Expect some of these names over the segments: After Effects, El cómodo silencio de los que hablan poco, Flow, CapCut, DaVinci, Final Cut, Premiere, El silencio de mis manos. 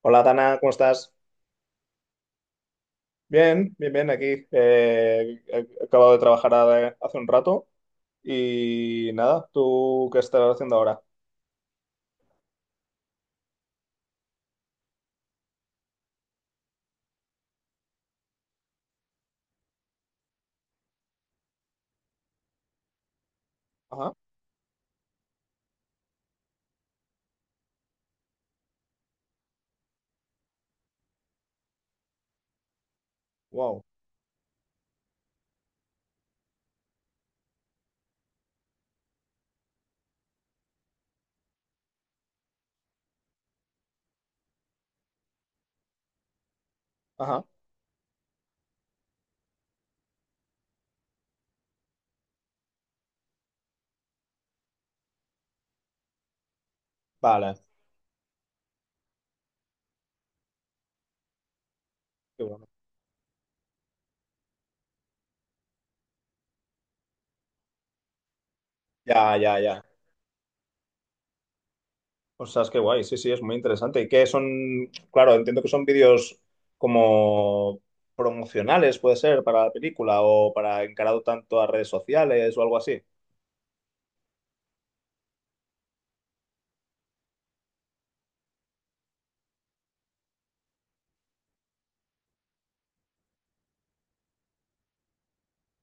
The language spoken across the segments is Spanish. Hola, Dana, ¿cómo estás? Bien, bien, bien, aquí. He acabado de hace un rato y nada, ¿tú qué estás haciendo ahora? Ajá, wow, ajá, vale, qué bueno. Ya, ya, ya. O sea, es que guay, sí, sí, es muy interesante. ¿Y qué son? Claro, entiendo que son vídeos como promocionales, puede ser, para la película o para encarado tanto a redes sociales o algo así.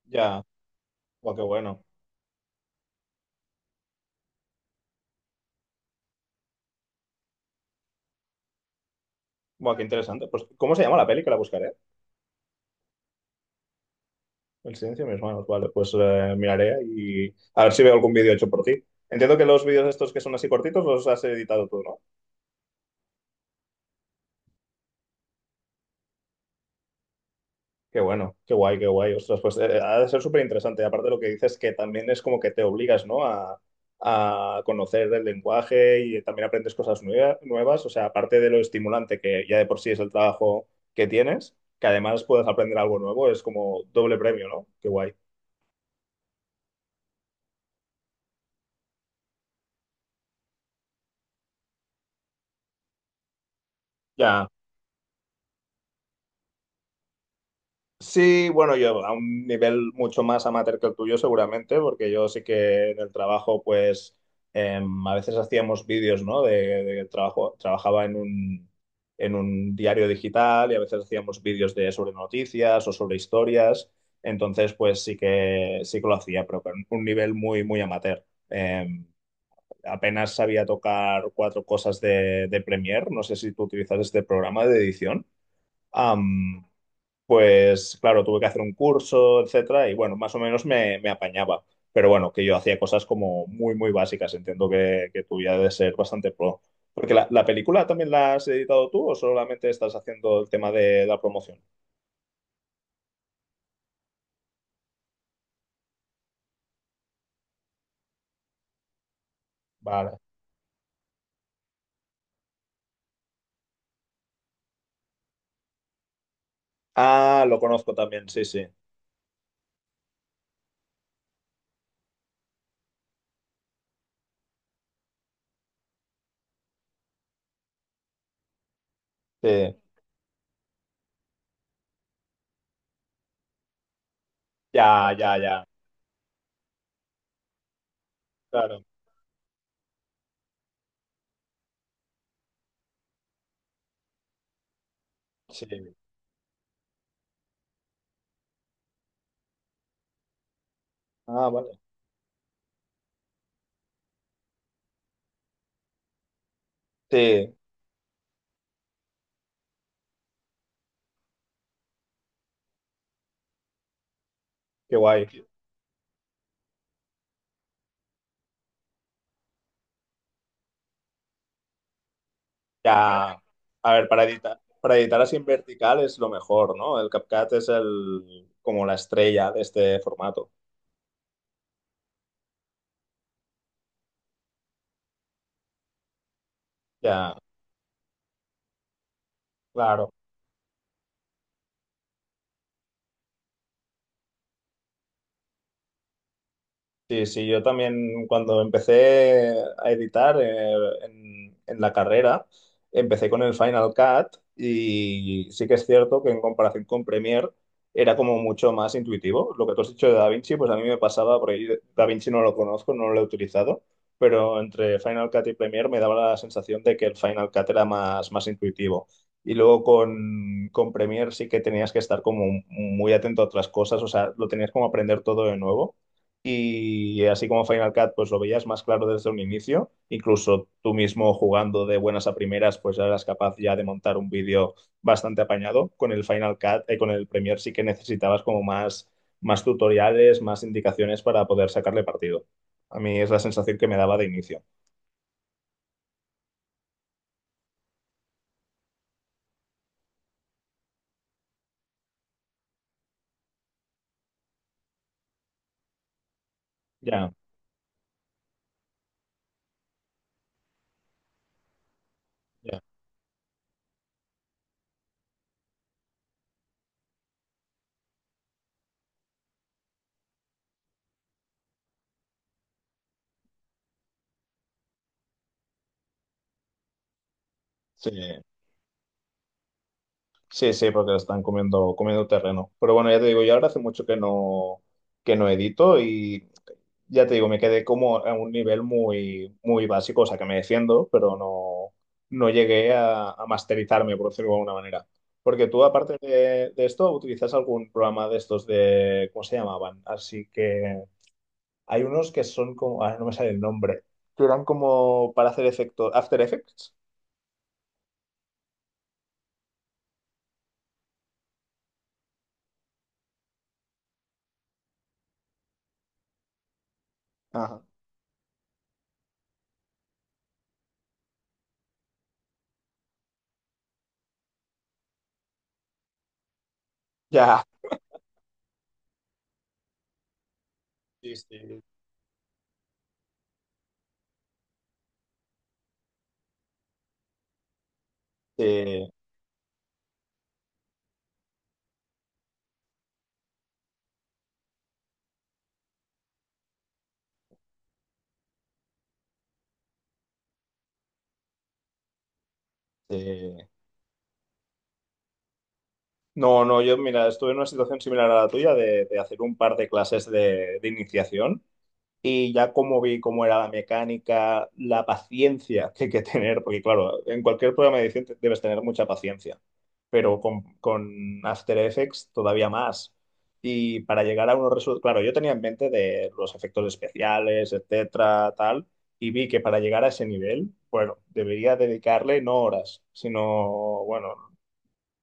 Ya, guau, qué bueno. Guau, qué interesante. Pues, ¿cómo se llama la película? La buscaré. El silencio de mis manos, vale, pues miraré y a ver si veo algún vídeo hecho por ti. Entiendo que los vídeos estos que son así cortitos los has editado tú, ¿no? Qué bueno, qué guay, qué guay. Ostras, pues ha de ser súper interesante. Aparte lo que dices que también es como que te obligas, ¿no? A conocer el lenguaje y también aprendes cosas nuevas. O sea, aparte de lo estimulante que ya de por sí es el trabajo que tienes, que además puedas aprender algo nuevo, es como doble premio, ¿no? Qué guay. Ya, sí, bueno, yo a un nivel mucho más amateur que el tuyo seguramente, porque yo sí que en el trabajo, pues a veces hacíamos vídeos, ¿no? De trabajo, trabajaba en un diario digital y a veces hacíamos vídeos de sobre noticias o sobre historias, entonces pues sí que lo hacía, pero con un nivel muy amateur. Apenas sabía tocar cuatro cosas de Premiere, no sé si tú utilizas este programa de edición. Am, pues claro, tuve que hacer un curso, etcétera, y bueno, más o menos me, me apañaba. Pero bueno, que yo hacía cosas como muy, muy básicas. Entiendo que tú ya de ser bastante pro. Porque la película también la has editado tú o solamente estás haciendo el tema de la promoción. Vale. Ah, lo conozco también, sí, sí. Sí. Ya, ya, ya. Claro. Sí. Ah, vale. Sí, qué guay. Ya, a ver, para editar así en vertical es lo mejor, ¿no? El CapCut es el, como la estrella de este formato. Ya, claro. Sí, sí, yo también cuando empecé a editar en la carrera, empecé con el Final Cut y sí que es cierto que en comparación con Premiere era como mucho más intuitivo. Lo que tú has dicho de DaVinci, pues a mí me pasaba, porque yo DaVinci no lo conozco, no lo he utilizado, pero entre Final Cut y Premiere me daba la sensación de que el Final Cut era más, más intuitivo. Y luego con Premiere sí que tenías que estar como muy atento a otras cosas, o sea, lo tenías como aprender todo de nuevo. Y así como Final Cut, pues lo veías más claro desde un inicio. Incluso tú mismo jugando de buenas a primeras, pues ya eras capaz ya de montar un vídeo bastante apañado. Con el Final Cut, con el Premiere sí que necesitabas como más, más tutoriales, más indicaciones para poder sacarle partido. A mí es la sensación que me daba de inicio. Ya, ya. Sí, sí, sí, porque están comiendo, comiendo terreno. Pero bueno, ya te digo, yo ahora hace mucho que no edito y ya te digo, me quedé como a un nivel muy, muy básico, o sea que me defiendo, pero no, no llegué a masterizarme, por decirlo de alguna manera. Porque tú, aparte de esto, utilizas algún programa de estos de, ¿cómo se llamaban? Así que hay unos que son como, ahora no me sale el nombre, que eran como para hacer efectos, After Effects. Ajá. Ya, sí, sí, sí, sí. No, no, yo, mira, estuve en una situación similar a la tuya de hacer un par de clases de iniciación. Y ya como vi cómo era la mecánica, la paciencia que hay que tener, porque claro, en cualquier programa de edición debes tener mucha paciencia, pero con After Effects todavía más. Y para llegar a unos resultados, claro, yo tenía en mente de los efectos especiales, etcétera, tal, y vi que para llegar a ese nivel, bueno, debería dedicarle no horas, sino, bueno,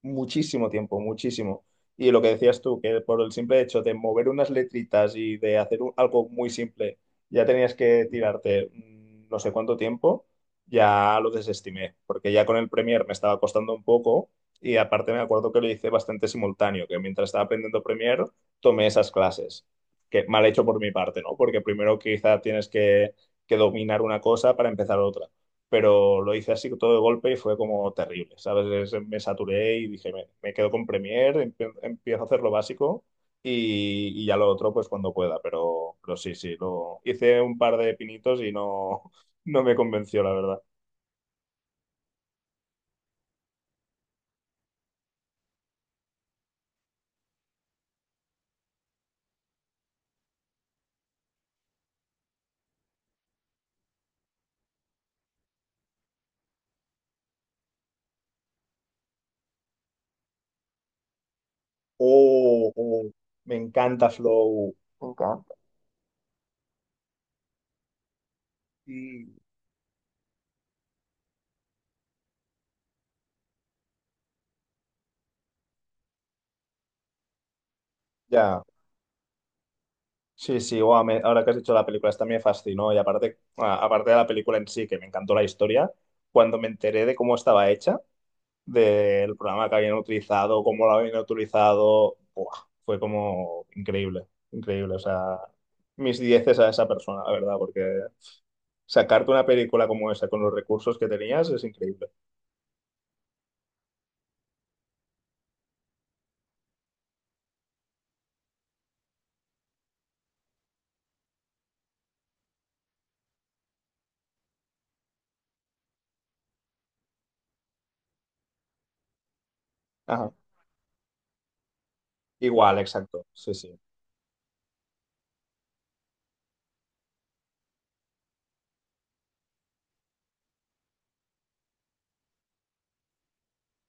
muchísimo tiempo, muchísimo. Y lo que decías tú, que por el simple hecho de mover unas letritas y de hacer algo muy simple, ya tenías que tirarte no sé cuánto tiempo, ya lo desestimé, porque ya con el Premiere me estaba costando un poco y aparte me acuerdo que lo hice bastante simultáneo, que mientras estaba aprendiendo Premiere tomé esas clases, que mal hecho por mi parte, ¿no? Porque primero quizá tienes que dominar una cosa para empezar otra, pero lo hice así todo de golpe y fue como terrible, ¿sabes? Me saturé y dije, me quedo con Premiere, empiezo a hacer lo básico y ya lo otro pues cuando pueda, pero sí, sí, lo hice un par de pinitos y no, no me convenció, la verdad. Oh, oh, me encanta Flow. Me encanta. Mm, ya. Sí, sí, guau, ahora que has dicho la película, esta me fascinó y aparte, aparte de la película en sí, que me encantó la historia, cuando me enteré de cómo estaba hecha, del programa que habían utilizado, cómo lo habían utilizado. Buah, fue como increíble, increíble. O sea, mis dieces a esa persona, la verdad, porque sacarte una película como esa con los recursos que tenías es increíble. Ajá. Igual, exacto. Sí, sí.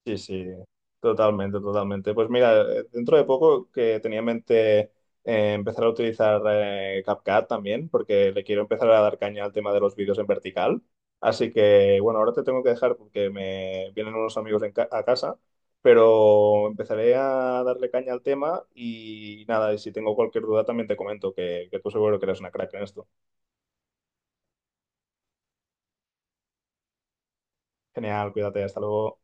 Sí, sí, totalmente, totalmente. Pues mira, dentro de poco que tenía en mente empezar a utilizar CapCut también, porque le quiero empezar a dar caña al tema de los vídeos en vertical. Así que, bueno, ahora te tengo que dejar porque me vienen unos amigos a casa, pero empezaré a darle caña al tema y nada, y si tengo cualquier duda también te comento, que tú seguro que eres una crack en esto. Genial, cuídate, hasta luego.